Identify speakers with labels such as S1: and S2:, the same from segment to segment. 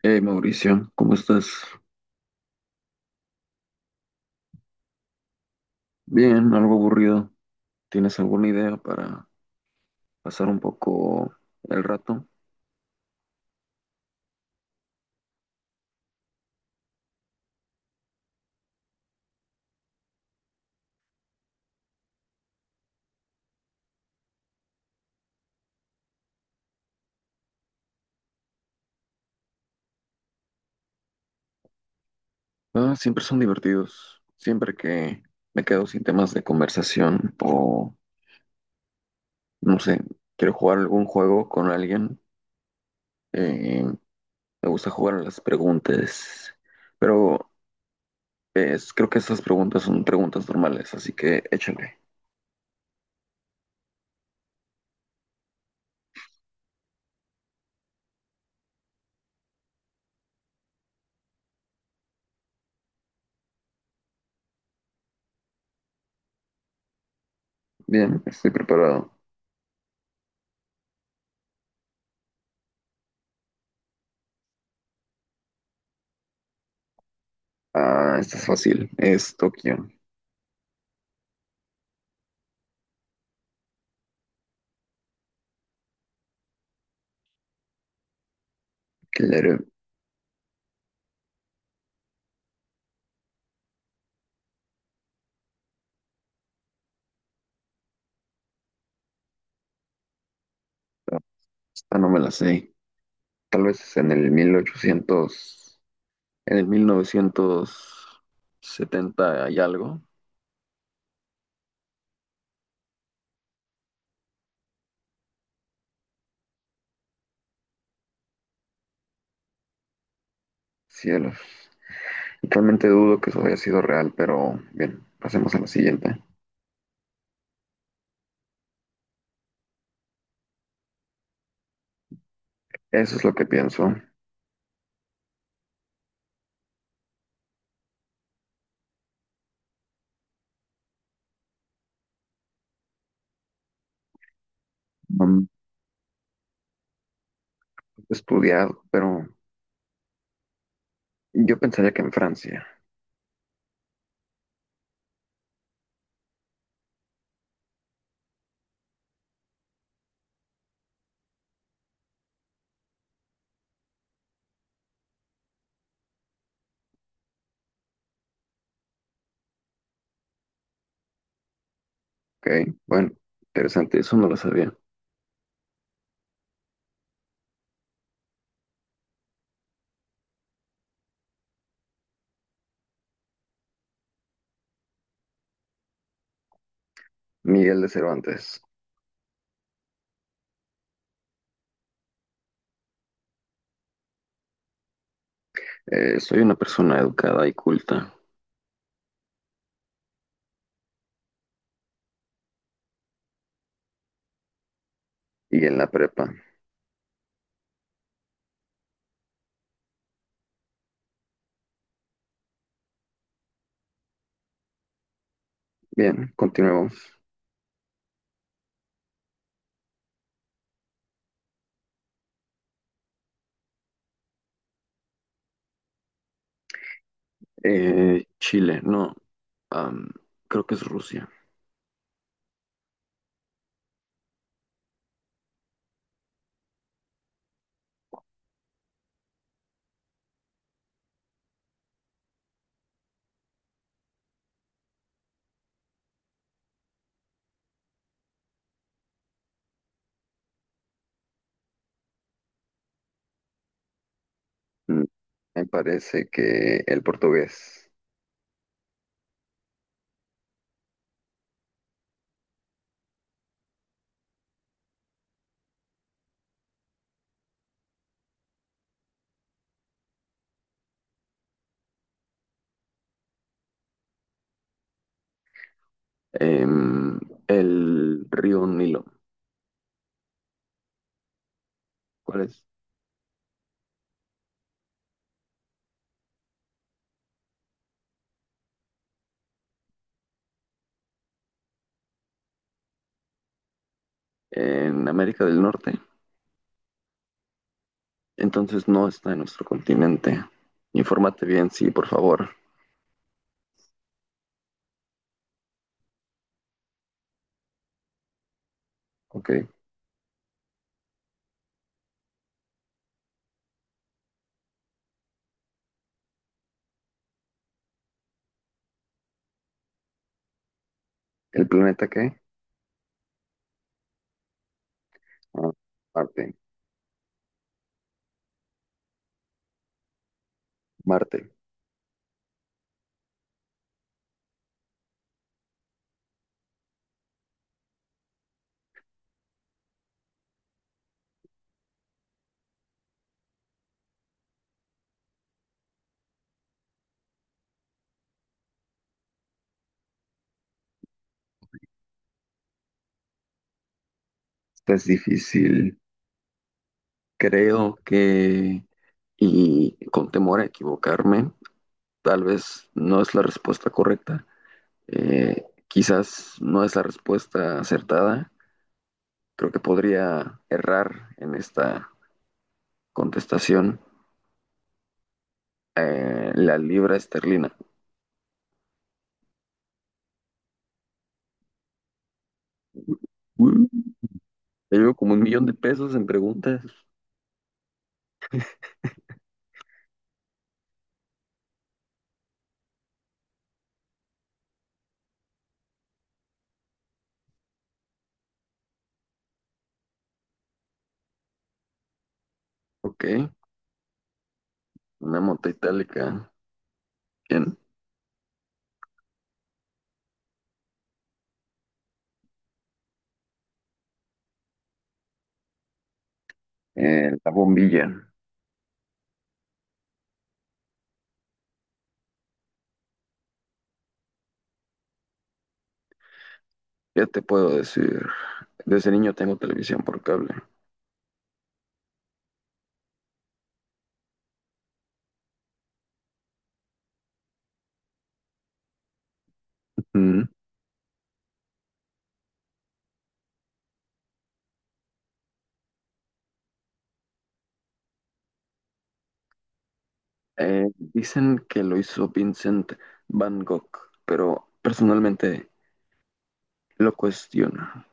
S1: Hey Mauricio, ¿cómo estás? Bien, algo aburrido. ¿Tienes alguna idea para pasar un poco el rato? Ah, siempre son divertidos. Siempre que me quedo sin temas de conversación o, no sé, quiero jugar algún juego con alguien, eh, me gusta jugar a las preguntas. Pero es, creo que estas preguntas son preguntas normales, así que échale. Bien, estoy preparado. Ah, esta es fácil. Es Tokio. Que ya era- Esta no me la sé. Tal vez en el 1800, en el 1970 hay algo. Cielos. Realmente dudo que eso haya sido real, pero bien, pasemos a la siguiente. Eso es lo que pienso. Mm, he estudiado, pero yo pensaría que en Francia. Ok, bueno, interesante, eso no lo sabía. Miguel de Cervantes. Soy una persona educada y culta. Y en la prepa. Bien, continuemos. Chile, no. am, Creo que es Rusia. Mm, me parece que el portugués. em, el río Nilo. ¿Cuál es? En América del Norte. Entonces no está en nuestro continente. Infórmate bien, sí, por favor. Ok. ¿El planeta qué? Ah, Marte. Marte. Esta es difícil. Creo que, y con temor a equivocarme, tal vez no es la respuesta correcta. Quizás no es la respuesta acertada, creo que podría errar en esta contestación. Eh, la libra esterlina. Uh, llevo como 1 millón de pesos en preguntas. Ok, una moto itálica. Bien. La bombilla. ¿Qué te puedo decir? Desde niño tengo televisión por cable. Mm. Dicen que lo hizo Vincent Van Gogh, pero personalmente lo cuestiono.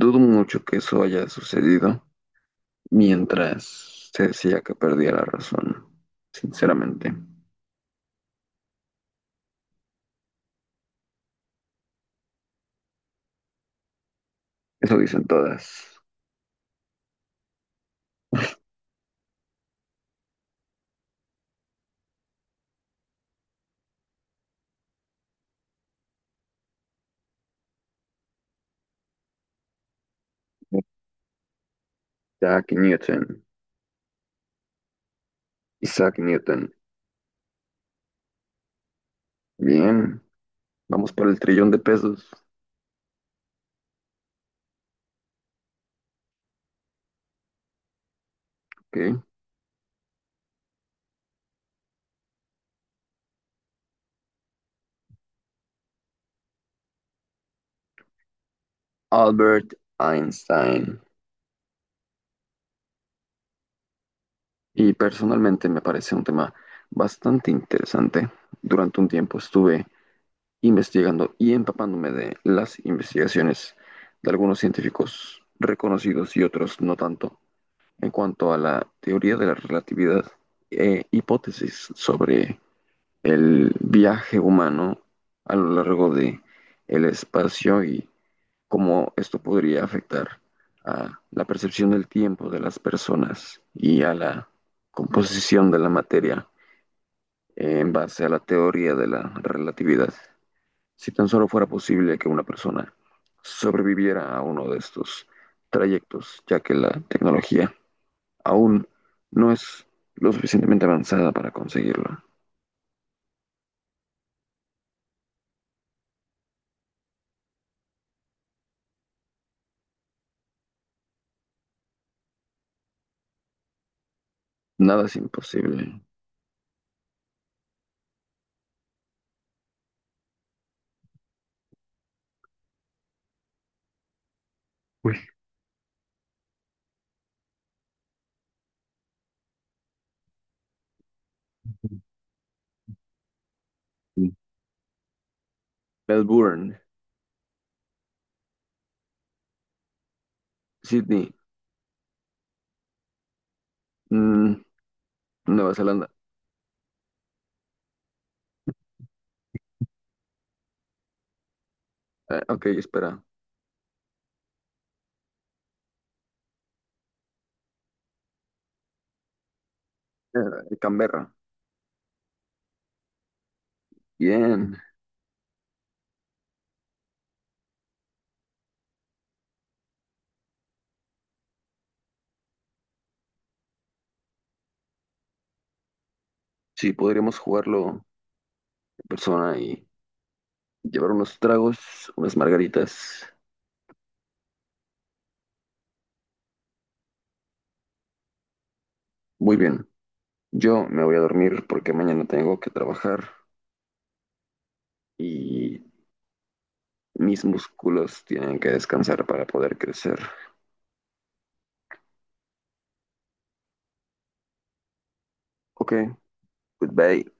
S1: Dudo mucho que eso haya sucedido, mientras se decía que perdía la razón, sinceramente. Eso dicen todas. Isaac Newton. Isaac Newton. Bien, vamos por el trillón de pesos, ¿ok? Albert Einstein. Y personalmente me parece un tema bastante interesante. Durante un tiempo estuve investigando y empapándome de las investigaciones de algunos científicos reconocidos y otros no tanto en cuanto a la teoría de la relatividad e hipótesis sobre el viaje humano a lo largo de el espacio y cómo esto podría afectar a la percepción del tiempo de las personas y a la composición de la materia en base a la teoría de la relatividad. Si tan solo fuera posible que una persona sobreviviera a uno de estos trayectos, ya que la tecnología aún no es lo suficientemente avanzada para conseguirlo. Nada es imposible. Uy. Melbourne. Sydney. Mm, Nueva Zelanda. Ok, espera. Canberra. Bien. Sí, podríamos jugarlo en persona y llevar unos tragos, unas margaritas. Muy bien. Yo me voy a dormir porque mañana tengo que trabajar, y mis músculos tienen que descansar para poder crecer. Ok, goodbye.